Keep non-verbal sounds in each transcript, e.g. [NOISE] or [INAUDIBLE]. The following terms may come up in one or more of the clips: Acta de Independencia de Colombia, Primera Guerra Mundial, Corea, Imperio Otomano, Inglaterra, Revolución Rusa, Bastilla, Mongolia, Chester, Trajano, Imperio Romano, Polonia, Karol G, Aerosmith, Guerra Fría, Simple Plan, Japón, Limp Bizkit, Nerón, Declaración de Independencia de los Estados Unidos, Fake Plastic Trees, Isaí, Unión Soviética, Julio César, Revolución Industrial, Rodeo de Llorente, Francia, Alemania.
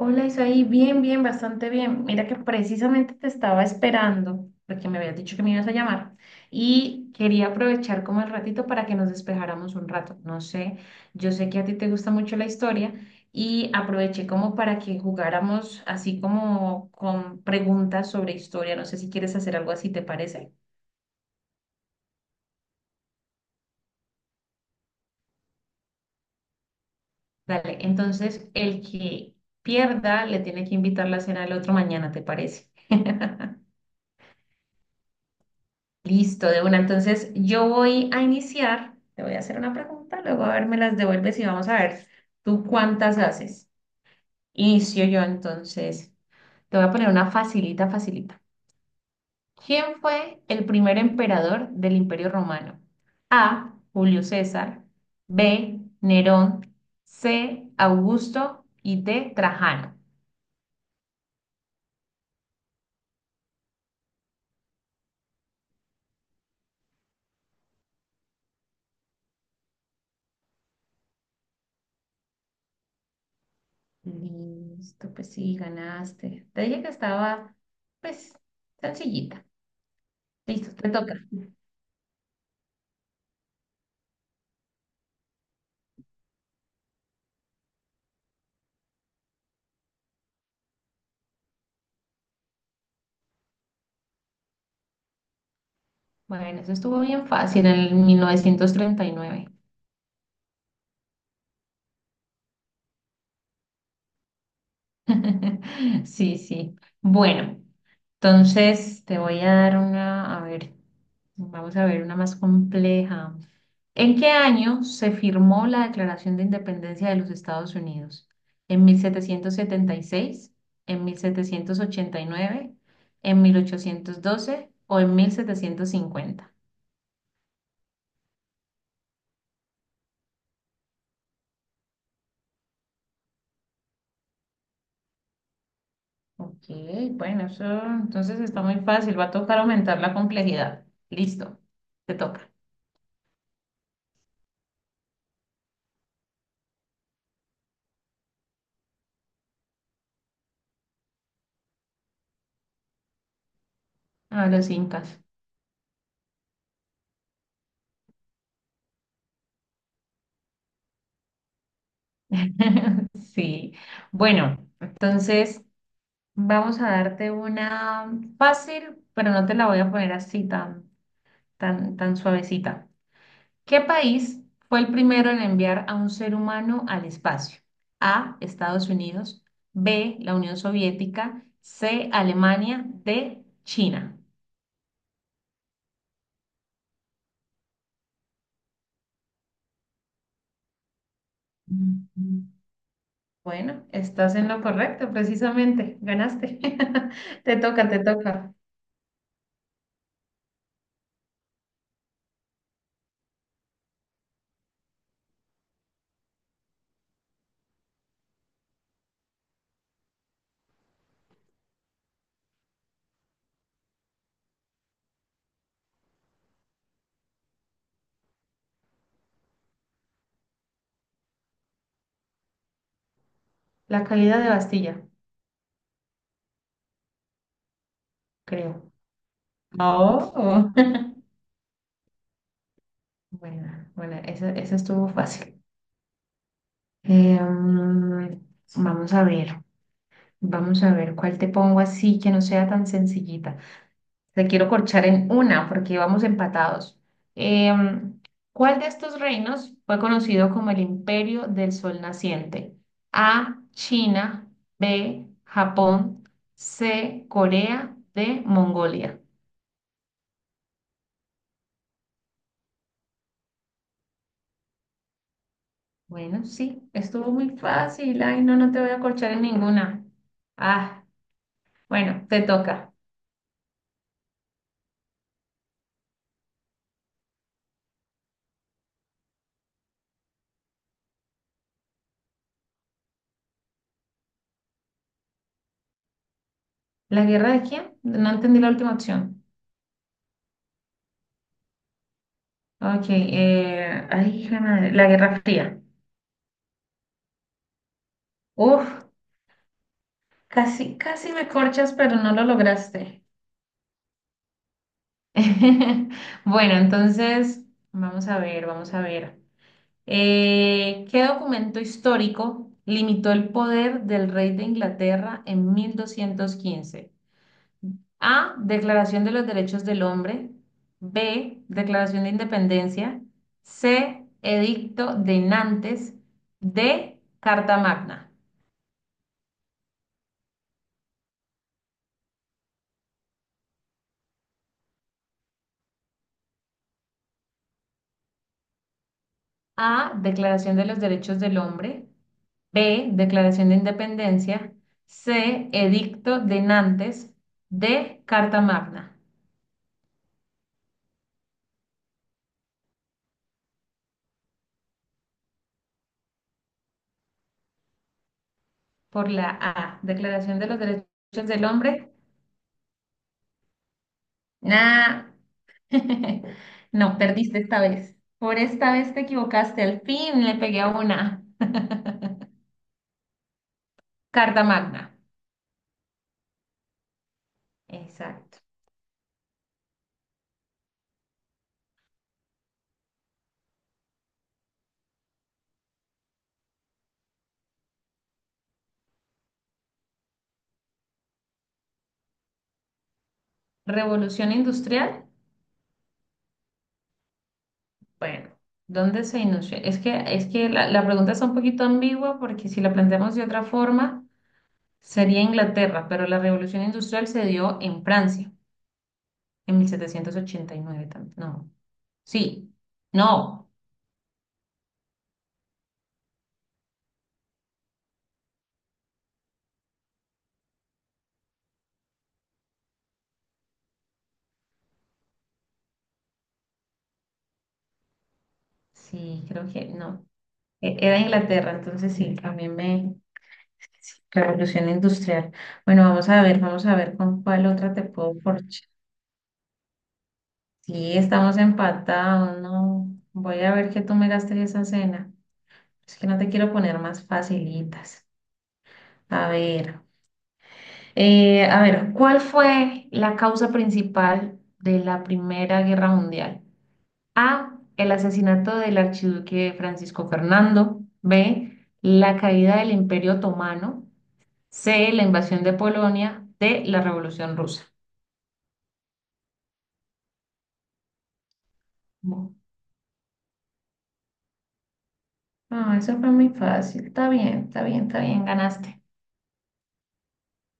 Hola Isaí, bien, bien, bastante bien. Mira que precisamente te estaba esperando porque me habías dicho que me ibas a llamar y quería aprovechar como el ratito para que nos despejáramos un rato. No sé, yo sé que a ti te gusta mucho la historia y aproveché como para que jugáramos así como con preguntas sobre historia. No sé si quieres hacer algo así, ¿te parece? Dale, entonces el que pierda le tiene que invitar la cena del otro mañana, ¿te parece? [LAUGHS] Listo, de una. Entonces, yo voy a iniciar. Te voy a hacer una pregunta, luego a ver, me las devuelves y vamos a ver tú cuántas haces. Inicio yo entonces. Te voy a poner una facilita, facilita. ¿Quién fue el primer emperador del Imperio Romano? A. Julio César. B. Nerón. C. Augusto. Y D. Trajano. Listo, pues sí, ganaste. Te dije que estaba, pues, sencillita. Listo, te toca. Bueno, eso estuvo bien fácil, en el 1939. [LAUGHS] Sí, sí. Bueno, entonces te voy a dar una, a ver, vamos a ver una más compleja. ¿En qué año se firmó la Declaración de Independencia de los Estados Unidos? ¿En 1776, en 1789, en 1812 o en 1750? Ok, bueno, eso entonces está muy fácil. Va a tocar aumentar la complejidad. Listo, te toca. A los incas. [LAUGHS] Sí. Bueno, entonces vamos a darte una fácil, pero no te la voy a poner así tan, tan, tan suavecita. ¿Qué país fue el primero en enviar a un ser humano al espacio? A, Estados Unidos. B, la Unión Soviética. C, Alemania. D, China. Mm. Bueno, estás en lo correcto, precisamente. Ganaste. [LAUGHS] Te toca, te toca. La caída de Bastilla, creo. Oh. [LAUGHS] Bueno, bueno, esa estuvo fácil. Eh, mm, vamos a ver, vamos a ver cuál te pongo así que no sea tan sencillita. Te quiero corchar en una porque íbamos empatados. Em, ¿cuál de estos reinos fue conocido como el Imperio del Sol Naciente? A, China. B, Japón. C, Corea. D, Mongolia. Bueno, sí, estuvo muy fácil. Ay, no, no te voy a corchar en ninguna. Ah, bueno, te toca. ¿La guerra de quién? No entendí la última opción. Ok, ay, hija de madre, la Guerra Fría. Uf. Casi, casi me corchas, pero no lo lograste. [LAUGHS] Bueno, entonces, vamos a ver, vamos a ver. ¿Qué documento histórico limitó el poder del rey de Inglaterra en 1215? A. Declaración de los Derechos del Hombre. B. Declaración de Independencia. C. Edicto de Nantes. D. Carta Magna. A. Declaración de los Derechos del Hombre. B. Declaración de Independencia. C. Edicto de Nantes. D. Carta Magna. Por la A. Declaración de los Derechos del Hombre. Nah. [LAUGHS] No, perdiste esta vez. Por esta vez te equivocaste. Al fin le pegué a una. [LAUGHS] Carta Magna. Exacto. Revolución Industrial. Bueno, ¿dónde se inició? Es que la pregunta está un poquito ambigua porque si la planteamos de otra forma. Sería Inglaterra, pero la revolución industrial se dio en Francia, en 1789 también. No, sí, no, sí, creo que no. Era Inglaterra, entonces sí, también me... sí, Revolución industrial. Bueno, vamos a ver con cuál otra te puedo forchar. Sí, estamos empatados, no. Voy a ver que tú me gastes esa cena. Es que no te quiero poner más facilitas. A ver. A ver, ¿cuál fue la causa principal de la Primera Guerra Mundial? A, el asesinato del archiduque Francisco Fernando. B, la caída del Imperio Otomano. C, la invasión de Polonia. D, la Revolución Rusa. Bu- Ah, eso fue muy fácil. Está bien, está bien, está bien, ganaste.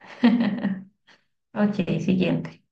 [LAUGHS] Ok, siguiente.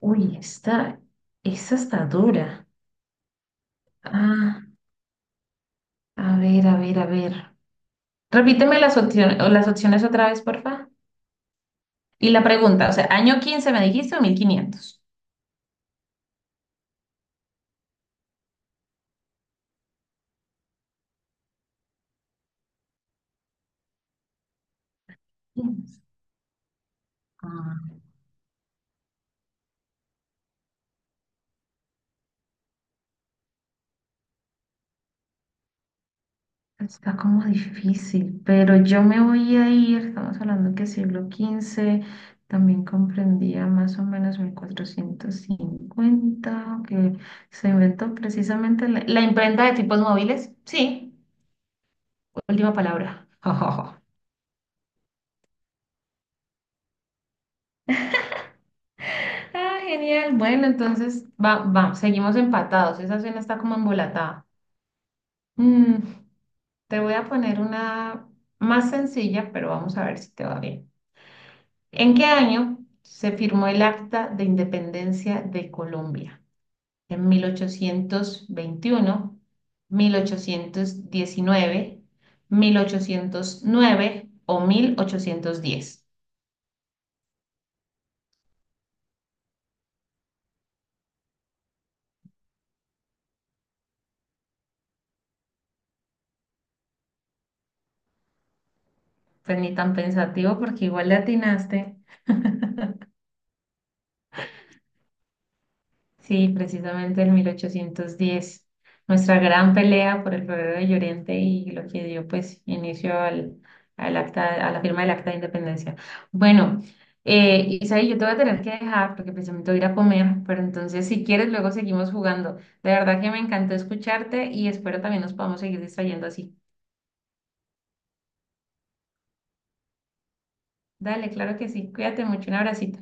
Uy, esta está dura. Ah, a ver, a ver, a ver. Repíteme las opciones otra vez, porfa. Y la pregunta, o sea, ¿año quince me dijiste o 1500? Ah, está como difícil, pero yo me voy a ir. Estamos hablando que siglo quince también comprendía más o menos 1450, que se inventó precisamente la imprenta de tipos móviles. Sí, última palabra. [LAUGHS] Ah, genial. Bueno, entonces va, va, seguimos empatados. Esa cena está como embolatada. Mm, Te voy a poner una más sencilla, pero vamos a ver si te va bien. ¿En qué año se firmó el Acta de Independencia de Colombia? ¿En mil ochocientos veintiuno, 1819, 1809 o 1810? Pues ni tan pensativo porque igual le atinaste. Sí, precisamente en 1810, nuestra gran pelea por el Rodeo de Llorente y lo que dio pues inicio al, acta, a la firma del Acta de Independencia. Bueno, Isaí, yo te voy a tener que dejar porque precisamente voy a ir a comer, pero entonces si quieres luego seguimos jugando. De verdad que me encantó escucharte y espero también nos podamos seguir distrayendo así. Dale, claro que sí. Cuídate mucho, un abracito.